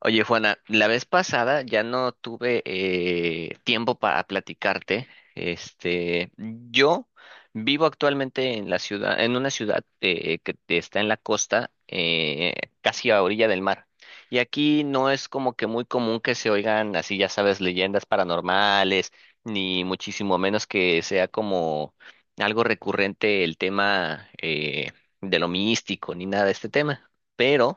Oye, Juana, la vez pasada ya no tuve tiempo para platicarte. Yo vivo actualmente en la ciudad, en una ciudad que está en la costa, casi a orilla del mar. Y aquí no es como que muy común que se oigan, así, ya sabes, leyendas paranormales, ni muchísimo menos que sea como algo recurrente el tema de lo místico, ni nada de este tema. Pero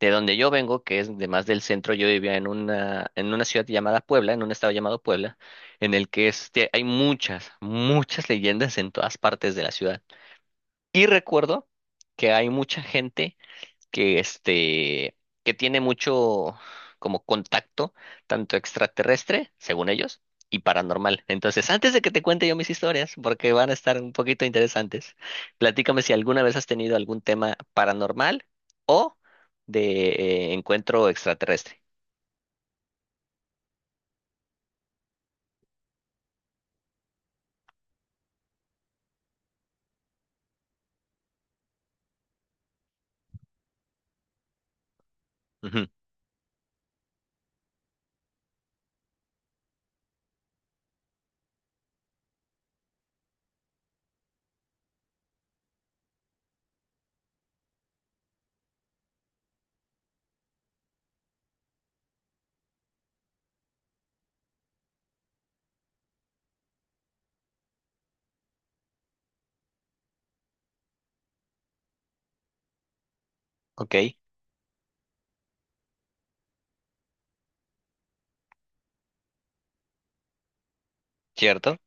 de donde yo vengo, que es de más del centro, yo vivía en una ciudad llamada Puebla, en un estado llamado Puebla, en el que hay muchas, muchas leyendas en todas partes de la ciudad. Y recuerdo que hay mucha gente que que tiene mucho como contacto, tanto extraterrestre, según ellos, y paranormal. Entonces, antes de que te cuente yo mis historias, porque van a estar un poquito interesantes, platícame si alguna vez has tenido algún tema paranormal o de encuentro extraterrestre. Ujú. Ok, cierto.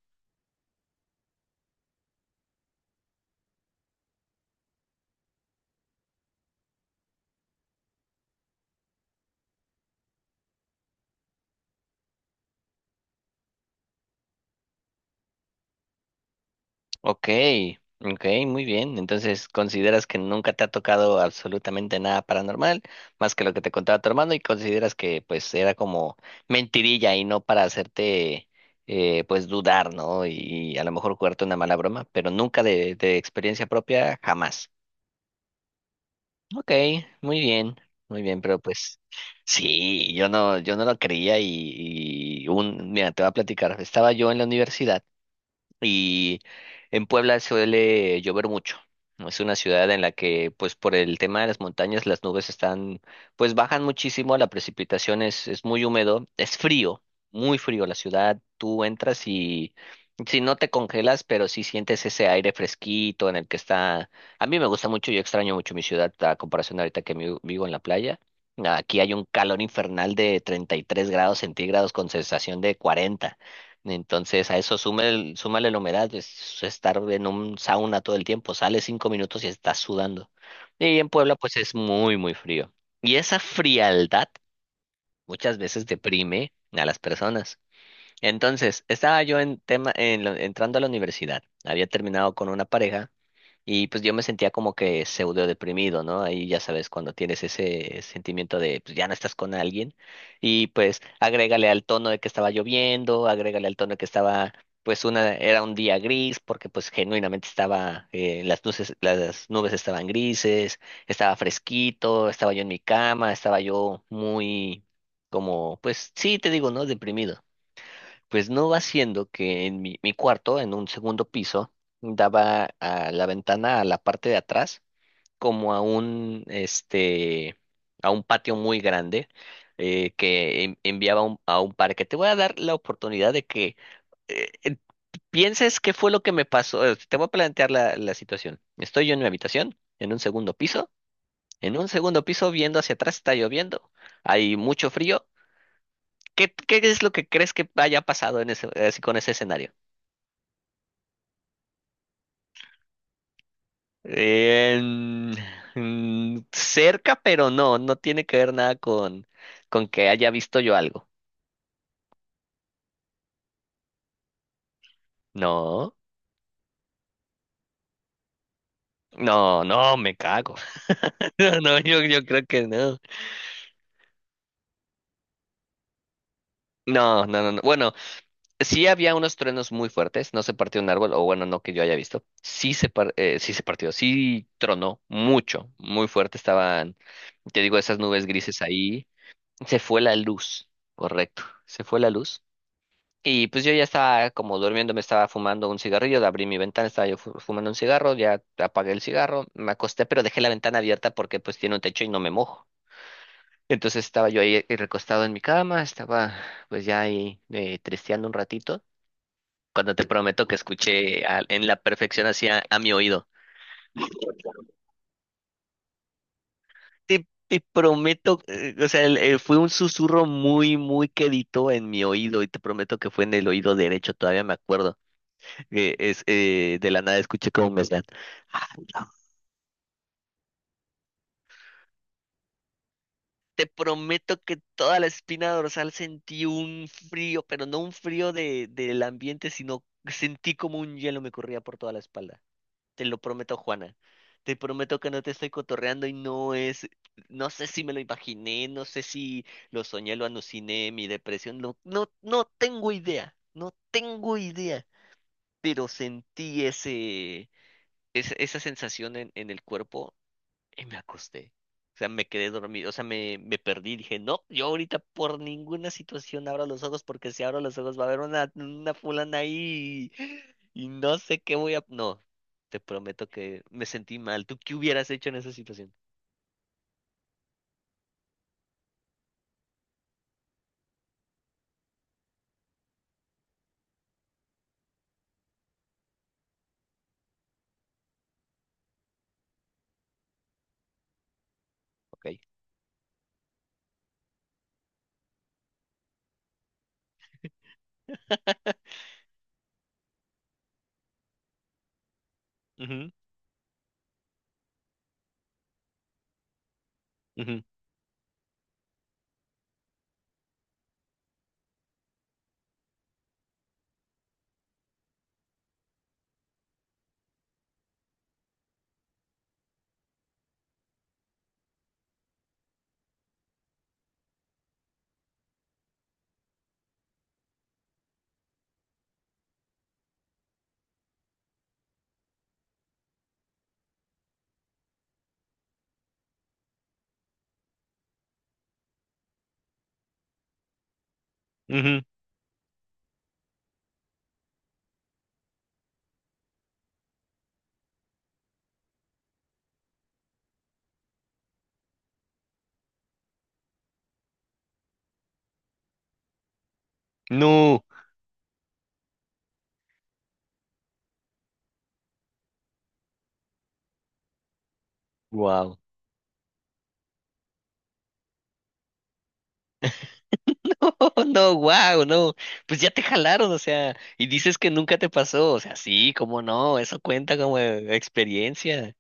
Ok, ok, muy bien. Entonces, ¿consideras que nunca te ha tocado absolutamente nada paranormal, más que lo que te contaba tu hermano, y consideras que pues era como mentirilla y no para hacerte pues dudar, ¿no? Y, a lo mejor, jugarte una mala broma, pero nunca de, de experiencia propia, jamás. Ok, muy bien, muy bien, pero pues sí, yo no lo creía y un, mira, te voy a platicar. Estaba yo en la universidad y en Puebla suele llover mucho. Es una ciudad en la que, pues por el tema de las montañas, las nubes están, pues bajan muchísimo, la precipitación es muy húmedo, es frío, muy frío la ciudad. Tú entras y si no te congelas, pero sí sientes ese aire fresquito en el que está. A mí me gusta mucho, yo extraño mucho mi ciudad a comparación de ahorita que mi- vivo en la playa. Aquí hay un calor infernal de 33 grados centígrados con sensación de 40. Entonces a eso súmale, súmale la humedad, es estar en un sauna todo el tiempo, sales 5 minutos y estás sudando. Y en Puebla pues es muy, muy frío. Y esa frialdad muchas veces deprime a las personas. Entonces, estaba yo en tema, en la- entrando a la universidad, había terminado con una pareja y pues yo me sentía como que pseudo deprimido, ¿no? Ahí ya sabes, cuando tienes ese sentimiento de pues ya no estás con alguien. Y pues agrégale al tono de que estaba lloviendo, agrégale al tono de que estaba, pues una, era un día gris, porque pues genuinamente estaba, las luces, las nubes estaban grises, estaba fresquito, estaba yo en mi cama, estaba yo muy como, pues sí, te digo, ¿no? Deprimido. Pues no va siendo que en mi cuarto, en un segundo piso, daba a la ventana a la parte de atrás, como a un, a un patio muy grande que en- enviaba un- a un parque. Te voy a dar la oportunidad de que eh, eh, pienses qué fue lo que me pasó. Te voy a plantear la, la situación. Estoy yo en mi habitación, en un segundo piso. En un segundo piso, viendo hacia atrás, está lloviendo. Hay mucho frío. ¿Qué, qué es lo que crees que haya pasado en ese, así con ese escenario? Eh, cerca, pero no, no tiene que ver nada con, con que haya visto yo algo. No, no, no, me cago. No, no, yo creo que no. No, no, no, no. Bueno, sí había unos truenos muy fuertes, no se partió un árbol, o bueno, no que yo haya visto. Sí se, par- sí se partió, sí tronó mucho, muy fuerte estaban, te digo, esas nubes grises ahí. Se fue la luz, correcto, se fue la luz. Y pues yo ya estaba como durmiendo, me estaba fumando un cigarrillo, abrí mi ventana, estaba yo fu- fumando un cigarro, ya apagué el cigarro, me acosté, pero dejé la ventana abierta porque pues tiene un techo y no me mojo. Entonces estaba yo ahí recostado en mi cama, estaba pues ya ahí tristeando un ratito, cuando te prometo que escuché a- en la perfección hacia a mi oído. Te prometo, o sea, el- fue un susurro muy, muy quedito en mi oído y te prometo que fue en el oído derecho, todavía me acuerdo. Que es de la nada escuché cómo me están. "Ah, no". Te prometo que toda la espina dorsal sentí un frío, pero no un frío de, del ambiente, sino sentí como un hielo me corría por toda la espalda. Te lo prometo, Juana. Te prometo que no te estoy cotorreando y no es, no sé si me lo imaginé, no sé si lo soñé, lo aluciné, mi depresión, no, no, no tengo idea, no tengo idea, pero sentí ese, esa sensación en el cuerpo. Y me acosté. O sea, me quedé dormido. O sea, me perdí. Dije, no, yo ahorita por ninguna situación abro los ojos porque si abro los ojos va a haber una fulana ahí y no sé qué voy a... No, te prometo que me sentí mal. ¿Tú qué hubieras hecho en esa situación? Ok. Ujú, ujú, ujú. No. Wow. No, wow, no. Pues ya te jalaron, o sea, y dices que nunca te pasó. O sea, sí, cómo no, eso cuenta como experiencia.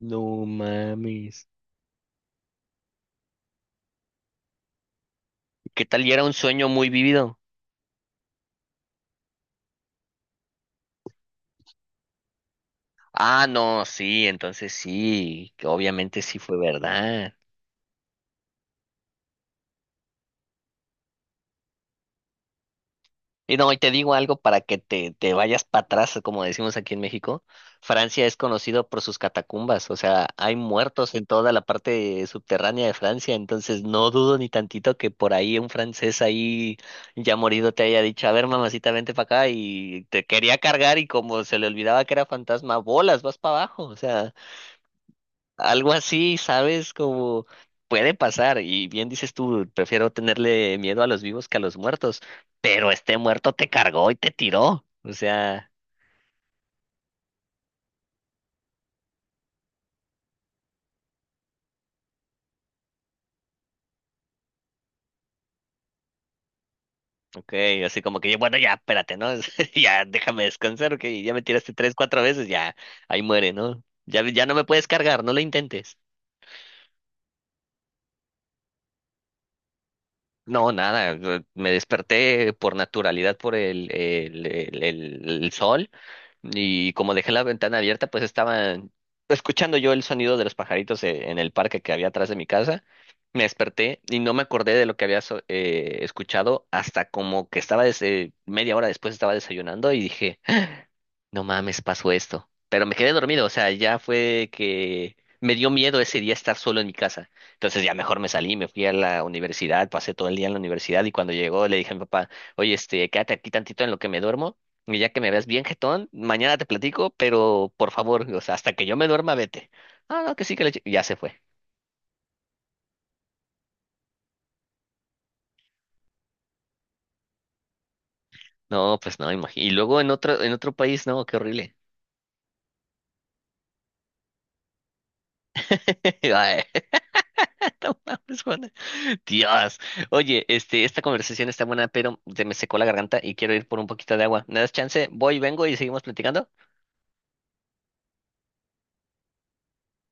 No mames. ¿Qué tal? Y era un sueño muy vivido. Ah, no, sí, entonces sí, que obviamente sí fue verdad. Y no, y te digo algo para que te vayas para atrás, como decimos aquí en México. Francia es conocido por sus catacumbas, o sea, hay muertos en toda la parte subterránea de Francia, entonces no dudo ni tantito que por ahí un francés ahí ya morido te haya dicho, a ver, mamacita, vente para acá y te quería cargar y como se le olvidaba que era fantasma, bolas, vas para abajo, o sea. Algo así, ¿sabes? Como puede pasar. Y bien dices tú, prefiero tenerle miedo a los vivos que a los muertos. Pero este muerto te cargó y te tiró. O sea, ok, así como que yo, bueno, ya, espérate, ¿no? Ya déjame descansar, que ya me tiraste tres, cuatro veces, ya, ahí muere, ¿no? Ya, ya no me puedes cargar, no lo intentes. No, nada, me desperté por naturalidad por el sol. Y como dejé la ventana abierta, pues estaba escuchando yo el sonido de los pajaritos en el parque que había atrás de mi casa. Me desperté y no me acordé de lo que había so- escuchado hasta como que estaba des- 1/2 hora después estaba desayunando y dije, no mames, pasó esto. Pero me quedé dormido, o sea, ya fue que me dio miedo ese día estar solo en mi casa. Entonces ya mejor me salí, me fui a la universidad, pasé todo el día en la universidad y cuando llegó le dije a mi papá, oye, quédate aquí tantito en lo que me duermo y ya que me veas bien jetón, mañana te platico, pero por favor, o sea, hasta que yo me duerma, vete. Ah, no, que sí, que le... Ya se fue. No, pues no, imagínate. Y luego en otro país, no, qué horrible. Ay, no mames, Juan. Dios. Oye, esta conversación está buena, pero se me secó la garganta y quiero ir por un poquito de agua. ¿Me das chance? Voy, vengo y seguimos platicando.